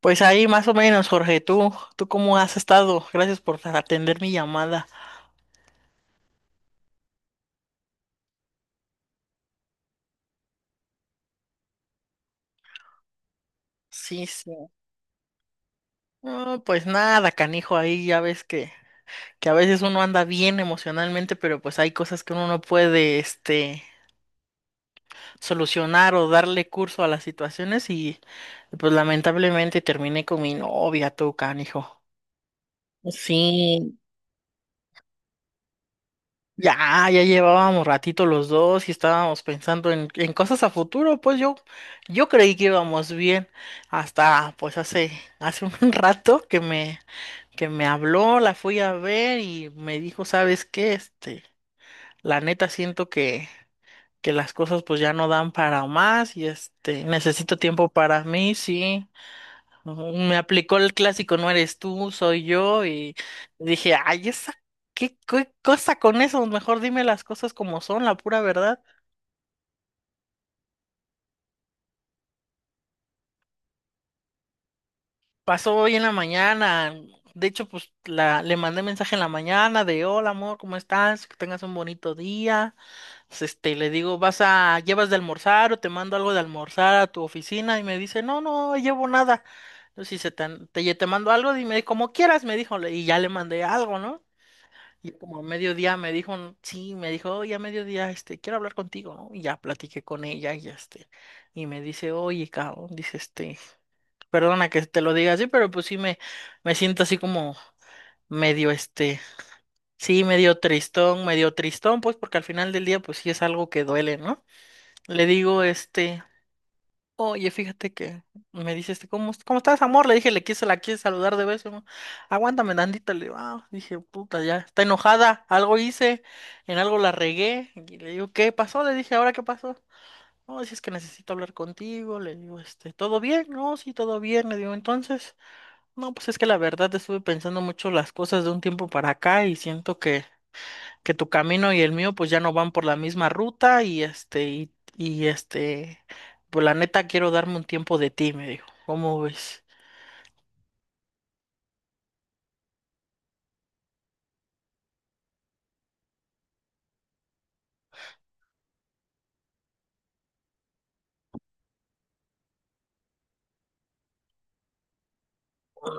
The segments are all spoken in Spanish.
Pues ahí más o menos, Jorge, ¿tú cómo has estado? Gracias por atender mi llamada. Sí, sí. No, pues nada, canijo, ahí ya ves que a veces uno anda bien emocionalmente, pero pues hay cosas que uno no puede, solucionar o darle curso a las situaciones y pues lamentablemente terminé con mi novia, tú, canijo. Sí, Ya llevábamos ratito los dos y estábamos pensando en cosas a futuro, pues yo creí que íbamos bien hasta hace un rato que me habló, la fui a ver y me dijo, ¿sabes qué? La neta que las cosas pues ya no dan para más y necesito tiempo para mí, sí. Ujú. Me aplicó el clásico, no eres tú, soy yo, y dije, ay, esa, ¿qué cosa con eso? Mejor dime las cosas como son, la pura verdad. Pasó hoy en la mañana, de hecho, pues le mandé mensaje en la mañana de, hola amor, ¿cómo estás? Que tengas un bonito día. Pues, le digo, llevas de almorzar o te mando algo de almorzar a tu oficina? Y me dice, no, no, llevo nada. Entonces, si se te, te, te mando algo, dime como quieras, me dijo, y ya le mandé algo, ¿no? Y como a mediodía me dijo, sí, me dijo, oye, a mediodía, quiero hablar contigo, ¿no? Y ya platiqué con ella y y me dice, oye, cabrón, dice, perdona que te lo diga así, pero pues sí me siento así como medio, sí, medio tristón, pues porque al final del día, pues sí es algo que duele, ¿no? Le digo, oye, fíjate que me dice ¿cómo estás, amor? Le dije, la quise saludar de beso, ¿no? Aguántame tantito. Le digo, ah, dije, puta, ya está enojada, algo hice, en algo la regué. Y le digo, ¿qué pasó? Le dije, ¿ahora qué pasó? No, si es que necesito hablar contigo. Le digo, ¿todo bien? No, sí, todo bien. Le digo, entonces, no, pues es que la verdad estuve pensando mucho las cosas de un tiempo para acá y siento que tu camino y el mío pues ya no van por la misma ruta y pues la neta quiero darme un tiempo de ti, me dijo. ¿Cómo ves?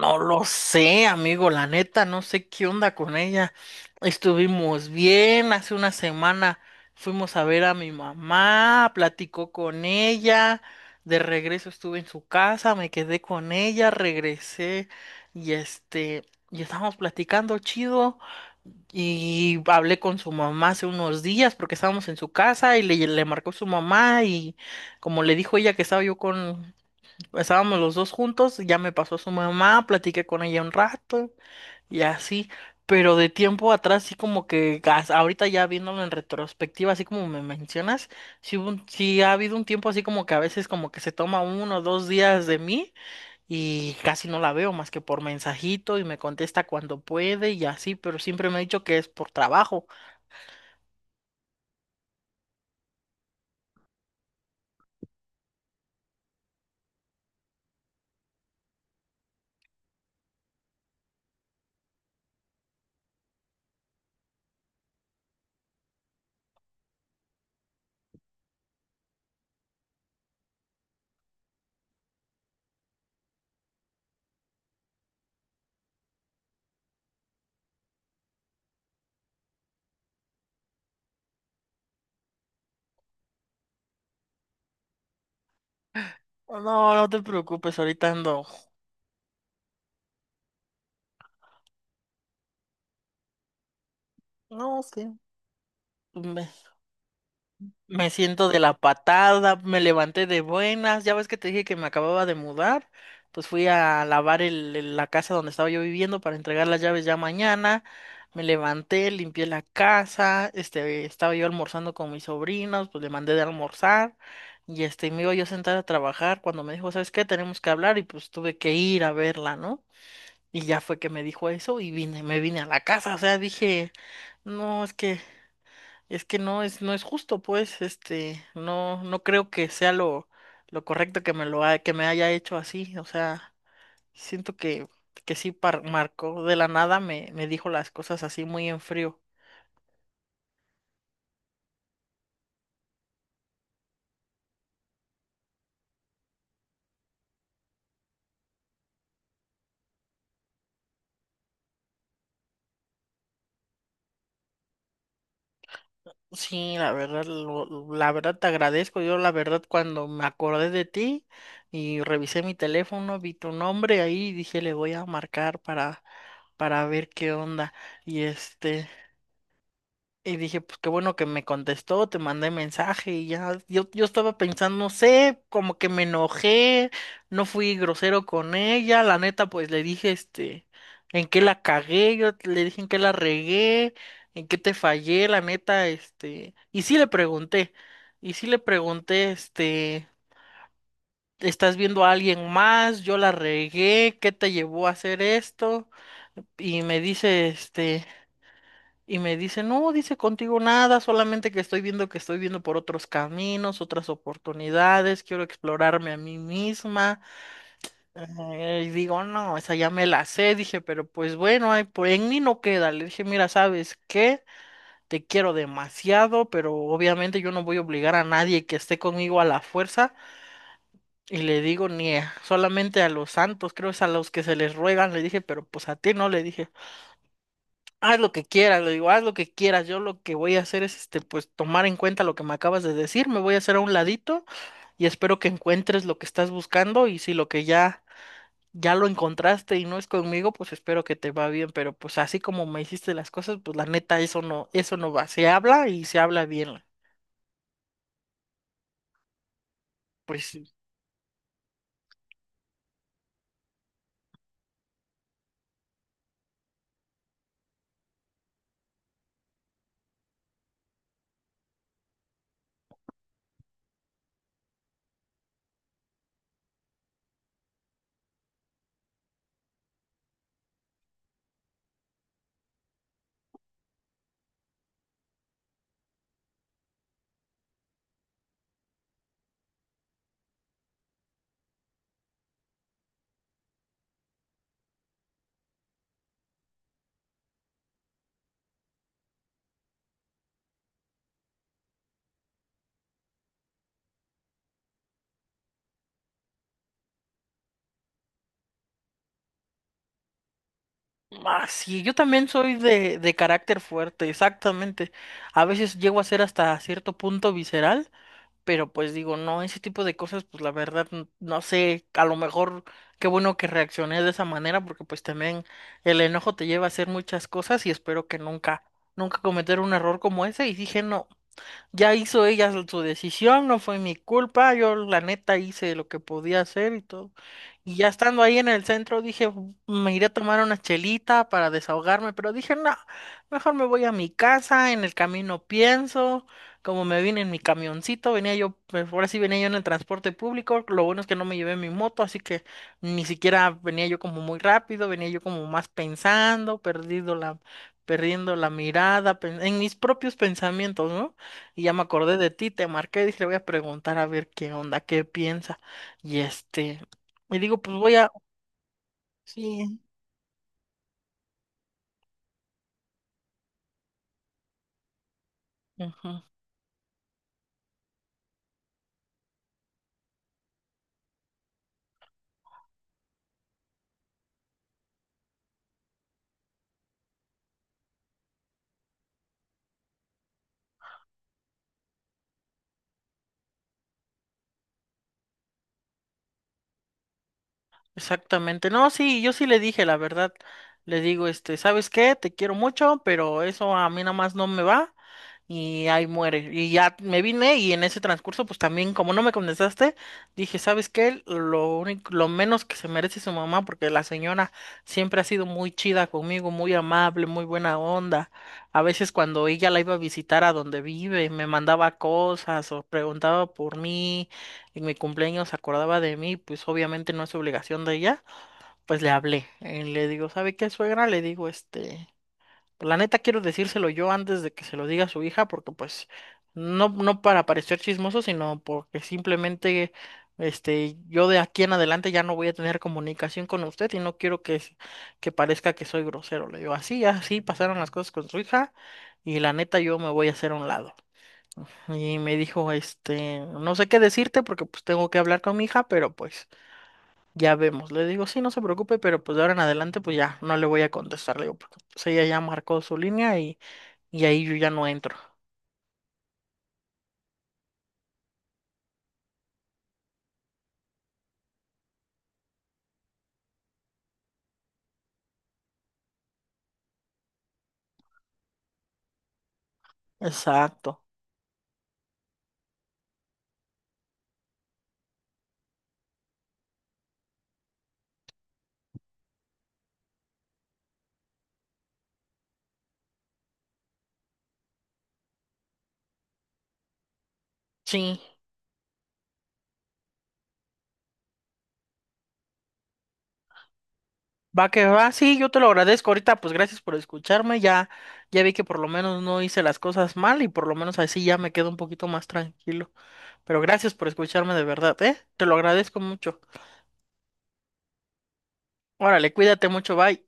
No lo sé, amigo, la neta, no sé qué onda con ella. Estuvimos bien, hace una semana fuimos a ver a mi mamá, platicó con ella, de regreso estuve en su casa, me quedé con ella, regresé y y estábamos platicando chido. Y hablé con su mamá hace unos días porque estábamos en su casa y le marcó su mamá y como le dijo ella que estábamos los dos juntos, ya me pasó su mamá, platiqué con ella un rato y así, pero de tiempo atrás sí como que ahorita ya viéndolo en retrospectiva, así como me mencionas, sí, sí ha habido un tiempo así como que a veces como que se toma uno o dos días de mí y casi no la veo más que por mensajito y me contesta cuando puede y así, pero siempre me ha dicho que es por trabajo. No, no te preocupes, ahorita ando. No, sí. Me siento de la patada, me levanté de buenas, ya ves que te dije que me acababa de mudar, pues fui a lavar la casa donde estaba yo viviendo para entregar las llaves ya mañana, me levanté, limpié la casa, estaba yo almorzando con mis sobrinos, pues le mandé de almorzar y me iba yo a sentar a trabajar cuando me dijo, ¿sabes qué? Tenemos que hablar y pues tuve que ir a verla, ¿no? Y ya fue que me dijo eso y vine, me vine a la casa, o sea, dije, no, es que... Es que no es justo, pues, no, no creo que sea lo correcto que me que me haya hecho así. O sea, siento que, que sí marcó de la nada, me dijo las cosas así muy en frío. Sí, la verdad, la verdad te agradezco. Yo la verdad cuando me acordé de ti y revisé mi teléfono, vi tu nombre ahí y dije le voy a marcar para ver qué onda. Y este y dije, pues qué bueno que me contestó, te mandé mensaje y ya, yo estaba pensando, no sé, como que me enojé, no fui grosero con ella, la neta, pues le dije, en qué la cagué, yo le dije en qué la regué, en qué te fallé, la neta, y sí le pregunté, ¿estás viendo a alguien más? Yo la regué, ¿qué te llevó a hacer esto? Y me dice, este... Y me dice, no, dice contigo nada, solamente que estoy viendo por otros caminos, otras oportunidades, quiero explorarme a mí misma. Y digo, no, esa ya me la sé, dije, pero pues bueno, ay, pues en mí no queda. Le dije, mira, ¿sabes qué? Te quiero demasiado, pero obviamente yo no voy a obligar a nadie que esté conmigo a la fuerza. Y le digo, ni solamente a los santos, creo es a los que se les ruegan, le dije, pero pues a ti no, le dije. Haz lo que quieras, le digo, haz lo que quieras. Yo lo que voy a hacer es, pues, tomar en cuenta lo que me acabas de decir. Me voy a hacer a un ladito y espero que encuentres lo que estás buscando. Y si lo ya lo encontraste y no es conmigo, pues espero que te va bien. Pero pues así como me hiciste las cosas, pues la neta, eso no va. Se habla y se habla bien. Pues sí. Ah, sí, yo también soy de carácter fuerte, exactamente. A veces llego a ser hasta cierto punto visceral. Pero pues digo, no, ese tipo de cosas, pues la verdad, no sé, a lo mejor qué bueno que reaccioné de esa manera, porque pues también el enojo te lleva a hacer muchas cosas y espero que nunca, nunca cometer un error como ese. Y dije, no, ya hizo ella su decisión, no fue mi culpa, yo la neta hice lo que podía hacer y todo. Y ya estando ahí en el centro dije, me iré a tomar una chelita para desahogarme, pero dije, no, mejor me voy a mi casa, en el camino pienso, como me vine en mi camioncito, venía yo, pues, ahora sí venía yo en el transporte público, lo bueno es que no me llevé mi moto, así que ni siquiera venía yo como muy rápido, venía yo como más pensando, perdiendo la mirada, en mis propios pensamientos, no. Y ya me acordé de ti, te marqué, dije, le voy a preguntar a ver qué onda, qué piensa. Y y digo, sí, ujú, exactamente. No, sí, yo sí le dije, la verdad, le digo, ¿sabes qué? Te quiero mucho, pero eso a mí nada más no me va. Y ahí muere. Y ya me vine y en ese transcurso, pues también, como no me contestaste, dije, ¿sabes qué? Lo menos que se merece su mamá, porque la señora siempre ha sido muy chida conmigo, muy amable, muy buena onda. A veces cuando ella la iba a visitar a donde vive, me mandaba cosas o preguntaba por mí, en mi cumpleaños se acordaba de mí, pues obviamente no es obligación de ella, pues le hablé. Y le digo, ¿sabe qué, suegra? Le digo, este pues, la neta quiero decírselo yo antes de que se lo diga a su hija, porque pues no, no para parecer chismoso, sino porque simplemente yo de aquí en adelante ya no voy a tener comunicación con usted y no quiero que parezca que soy grosero. Le digo, así, así pasaron las cosas con su hija y la neta yo me voy a hacer a un lado. Y me dijo, no sé qué decirte porque pues tengo que hablar con mi hija, pero pues ya vemos. Le digo, sí, no se preocupe, pero pues de ahora en adelante pues ya no le voy a contestar. Le digo, porque pues ella ya marcó su línea y... y ahí yo ya no entro. Exacto. Sí. Va que va, sí, yo te lo agradezco ahorita, pues gracias por escucharme, ya, ya vi que por lo menos no hice las cosas mal y por lo menos así ya me quedo un poquito más tranquilo. Pero gracias por escucharme de verdad, ¿eh? Te lo agradezco mucho. Órale, cuídate mucho, bye.